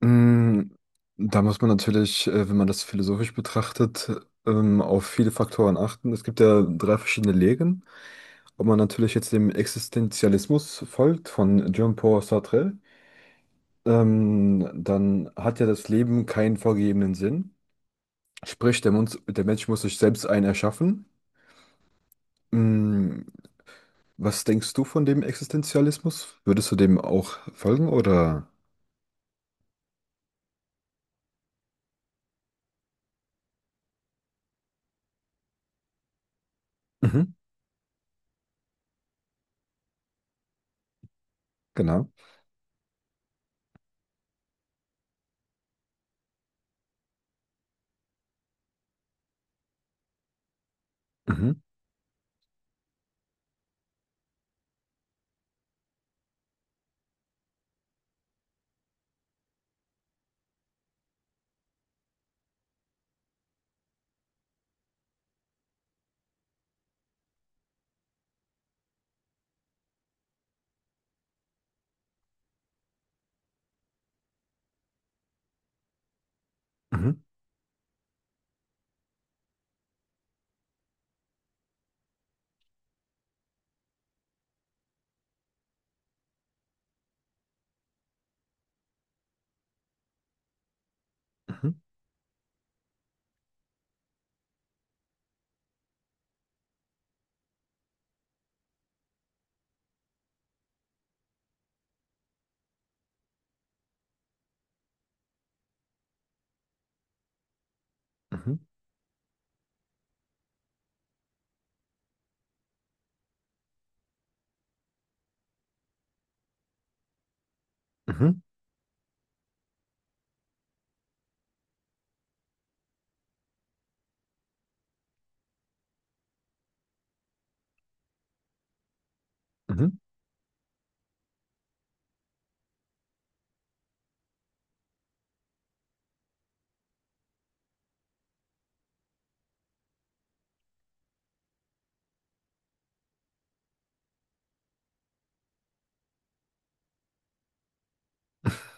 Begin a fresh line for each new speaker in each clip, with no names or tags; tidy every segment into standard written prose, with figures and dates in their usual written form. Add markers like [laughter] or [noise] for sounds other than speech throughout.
Mm, Da muss man natürlich, wenn man das philosophisch betrachtet, auf viele Faktoren achten. Es gibt ja drei verschiedene Lehren. Ob man natürlich jetzt dem Existenzialismus folgt von Jean-Paul Sartre, dann hat ja das Leben keinen vorgegebenen Sinn. Sprich, der Mensch muss sich selbst einen erschaffen. Mm, Was denkst du von dem Existenzialismus? Würdest du dem auch folgen oder? Mhm, genau. Mhm, mhm, mhm, mhm, mhm, mhm.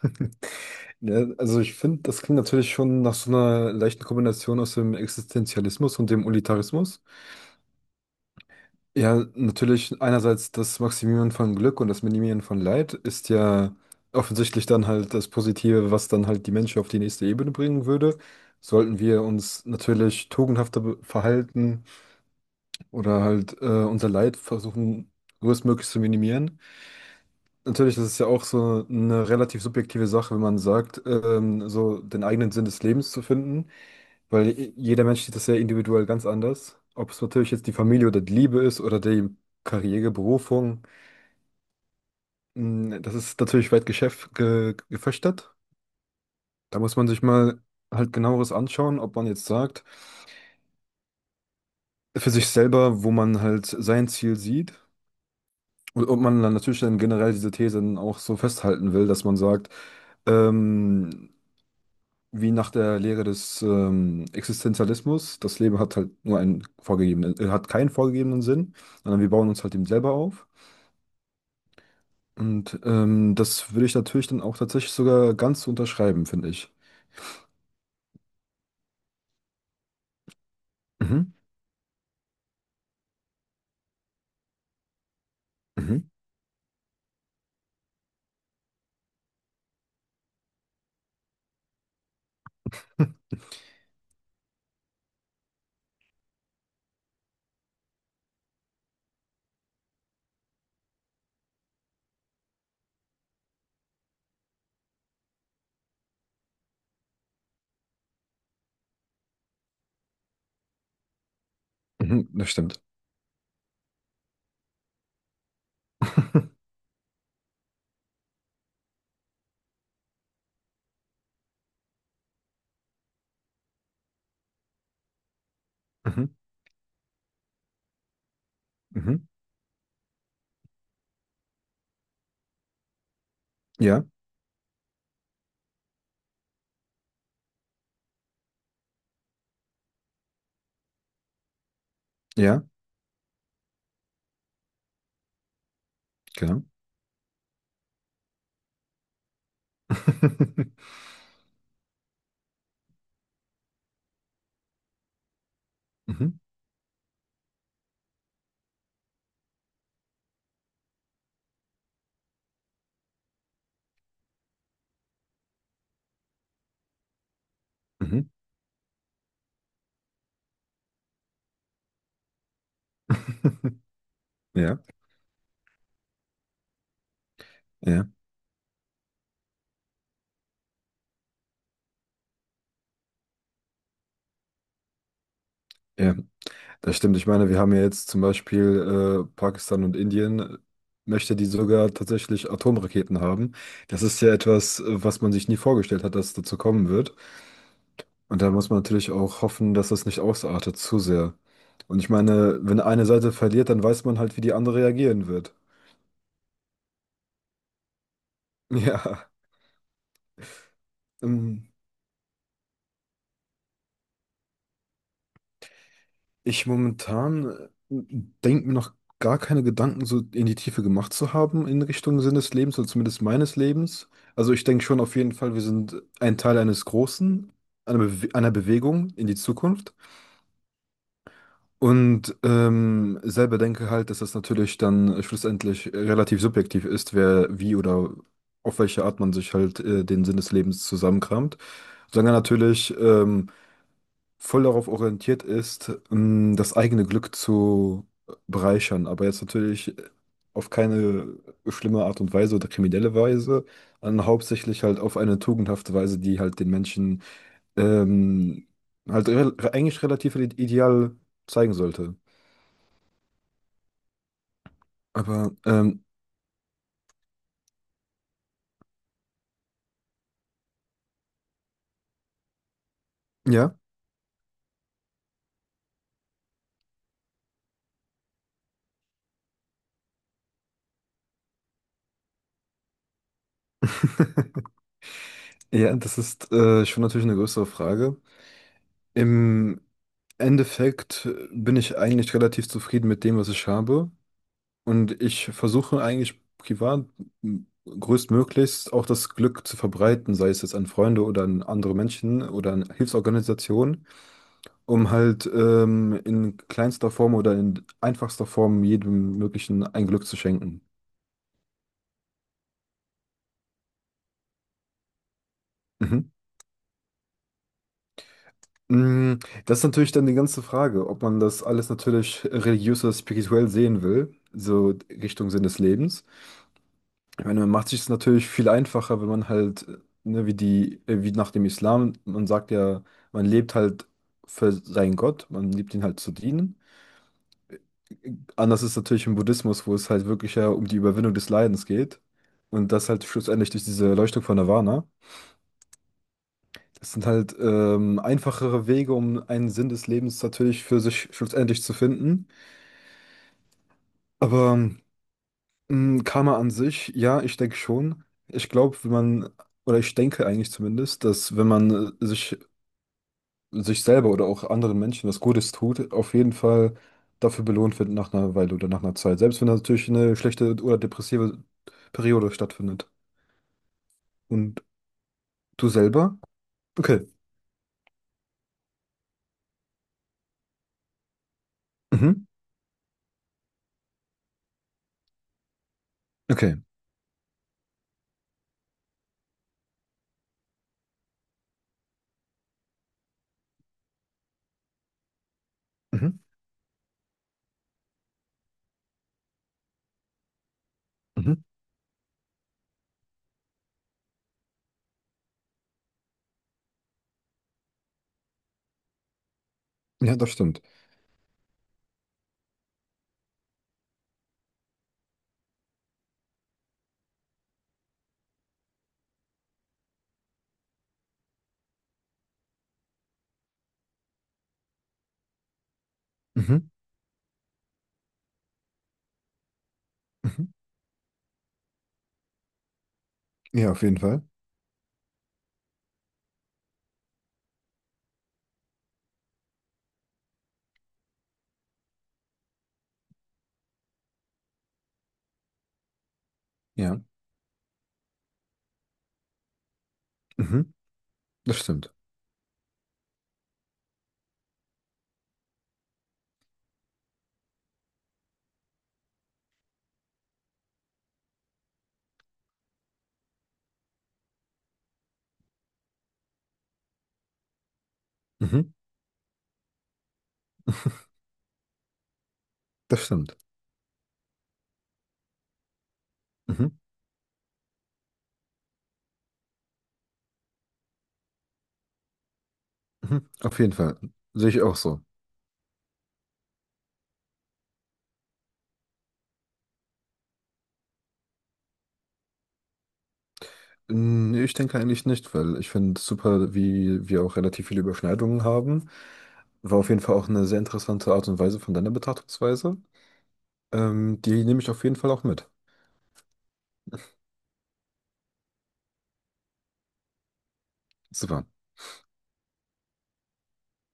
[laughs] Ja, also ich finde, das klingt natürlich schon nach so einer leichten Kombination aus dem Existenzialismus und dem Utilitarismus. Ja, natürlich einerseits das Maximieren von Glück und das Minimieren von Leid ist ja offensichtlich dann halt das Positive, was dann halt die Menschen auf die nächste Ebene bringen würde. Sollten wir uns natürlich tugendhafter verhalten oder halt unser Leid versuchen, größtmöglich zu minimieren. Natürlich, das ist ja auch so eine relativ subjektive Sache, wenn man sagt, so den eigenen Sinn des Lebens zu finden. Weil jeder Mensch sieht das ja individuell ganz anders. Ob es natürlich jetzt die Familie oder die Liebe ist oder die Karriere, Berufung, das ist natürlich weit gefächert. Da muss man sich mal halt genaueres anschauen, ob man jetzt sagt, für sich selber, wo man halt sein Ziel sieht. Und ob man dann natürlich dann generell diese These dann auch so festhalten will, dass man sagt, ähm, wie nach der Lehre des Existenzialismus, das Leben hat halt nur einen vorgegebenen, hat keinen vorgegebenen Sinn, sondern wir bauen uns halt eben selber auf. Und das würde ich natürlich dann auch tatsächlich sogar ganz unterschreiben, finde ich. Mhm, mhm. [laughs] Hm. Mhm, das stimmt. [laughs] Mhm, mhm, ja, ja, genau. [laughs] Mhm, mhm. [laughs] Ja, ja, ja. Das stimmt, ich meine, wir haben ja jetzt zum Beispiel Pakistan und Indien, möchte die sogar tatsächlich Atomraketen haben. Das ist ja etwas, was man sich nie vorgestellt hat, dass es dazu kommen wird. Und da muss man natürlich auch hoffen, dass das nicht ausartet zu sehr. Und ich meine, wenn eine Seite verliert, dann weiß man halt, wie die andere reagieren wird. [laughs] Ja, ähm, ich momentan denke mir noch gar keine Gedanken so in die Tiefe gemacht zu haben in Richtung Sinn des Lebens oder zumindest meines Lebens. Also ich denke schon auf jeden Fall, wir sind ein Teil eines Großen, einer Bewegung in die Zukunft. Und selber denke halt, dass das natürlich dann schlussendlich relativ subjektiv ist, wer wie oder auf welche Art man sich halt den Sinn des Lebens zusammenkramt. Solange natürlich voll darauf orientiert ist, das eigene Glück zu bereichern, aber jetzt natürlich auf keine schlimme Art und Weise oder kriminelle Weise, sondern hauptsächlich halt auf eine tugendhafte Weise, die halt den Menschen ähm, halt re eigentlich relativ ideal zeigen sollte. Aber ja, [laughs] ja, das ist schon natürlich eine größere Frage. Im Endeffekt bin ich eigentlich relativ zufrieden mit dem, was ich habe. Und ich versuche eigentlich privat größtmöglichst auch das Glück zu verbreiten, sei es jetzt an Freunde oder an andere Menschen oder an Hilfsorganisationen, um halt in kleinster Form oder in einfachster Form jedem möglichen ein Glück zu schenken. Mhm. Mm, Das ist natürlich dann die ganze Frage, ob man das alles natürlich religiös oder spirituell sehen will, so Richtung Sinn des Lebens. Ich meine, man macht sich es natürlich viel einfacher, wenn man halt, ne, wie nach dem Islam, man sagt ja, man lebt halt für seinen Gott, man liebt ihn halt zu dienen. Anders ist natürlich im Buddhismus, wo es halt wirklich ja um die Überwindung des Leidens geht. Und das halt schlussendlich durch diese Erleuchtung von Nirvana. Das sind halt einfachere Wege, um einen Sinn des Lebens natürlich für sich schlussendlich zu finden. Aber Karma an sich, ja, ich denke schon. Ich glaube, wenn man, oder ich denke eigentlich zumindest, dass wenn man äh, sich, sich selber oder auch anderen Menschen was Gutes tut, auf jeden Fall dafür belohnt wird nach einer Weile oder nach einer Zeit. Selbst wenn natürlich eine schlechte oder depressive Periode stattfindet. Und du selber? Okay. Mhm. Okay. Mhm. Mhm. Ja, das stimmt. Mhm. Mhm. Ja, auf jeden Fall. Ja. Mhm. Das stimmt. Mhm. [laughs] Das stimmt. Mhm. Mhm. Auf jeden Fall. Sehe ich auch so. Nee, ich denke eigentlich nicht, weil ich finde super, wie wir auch relativ viele Überschneidungen haben. War auf jeden Fall auch eine sehr interessante Art und Weise von deiner Betrachtungsweise. Die nehme ich auf jeden Fall auch mit. Super.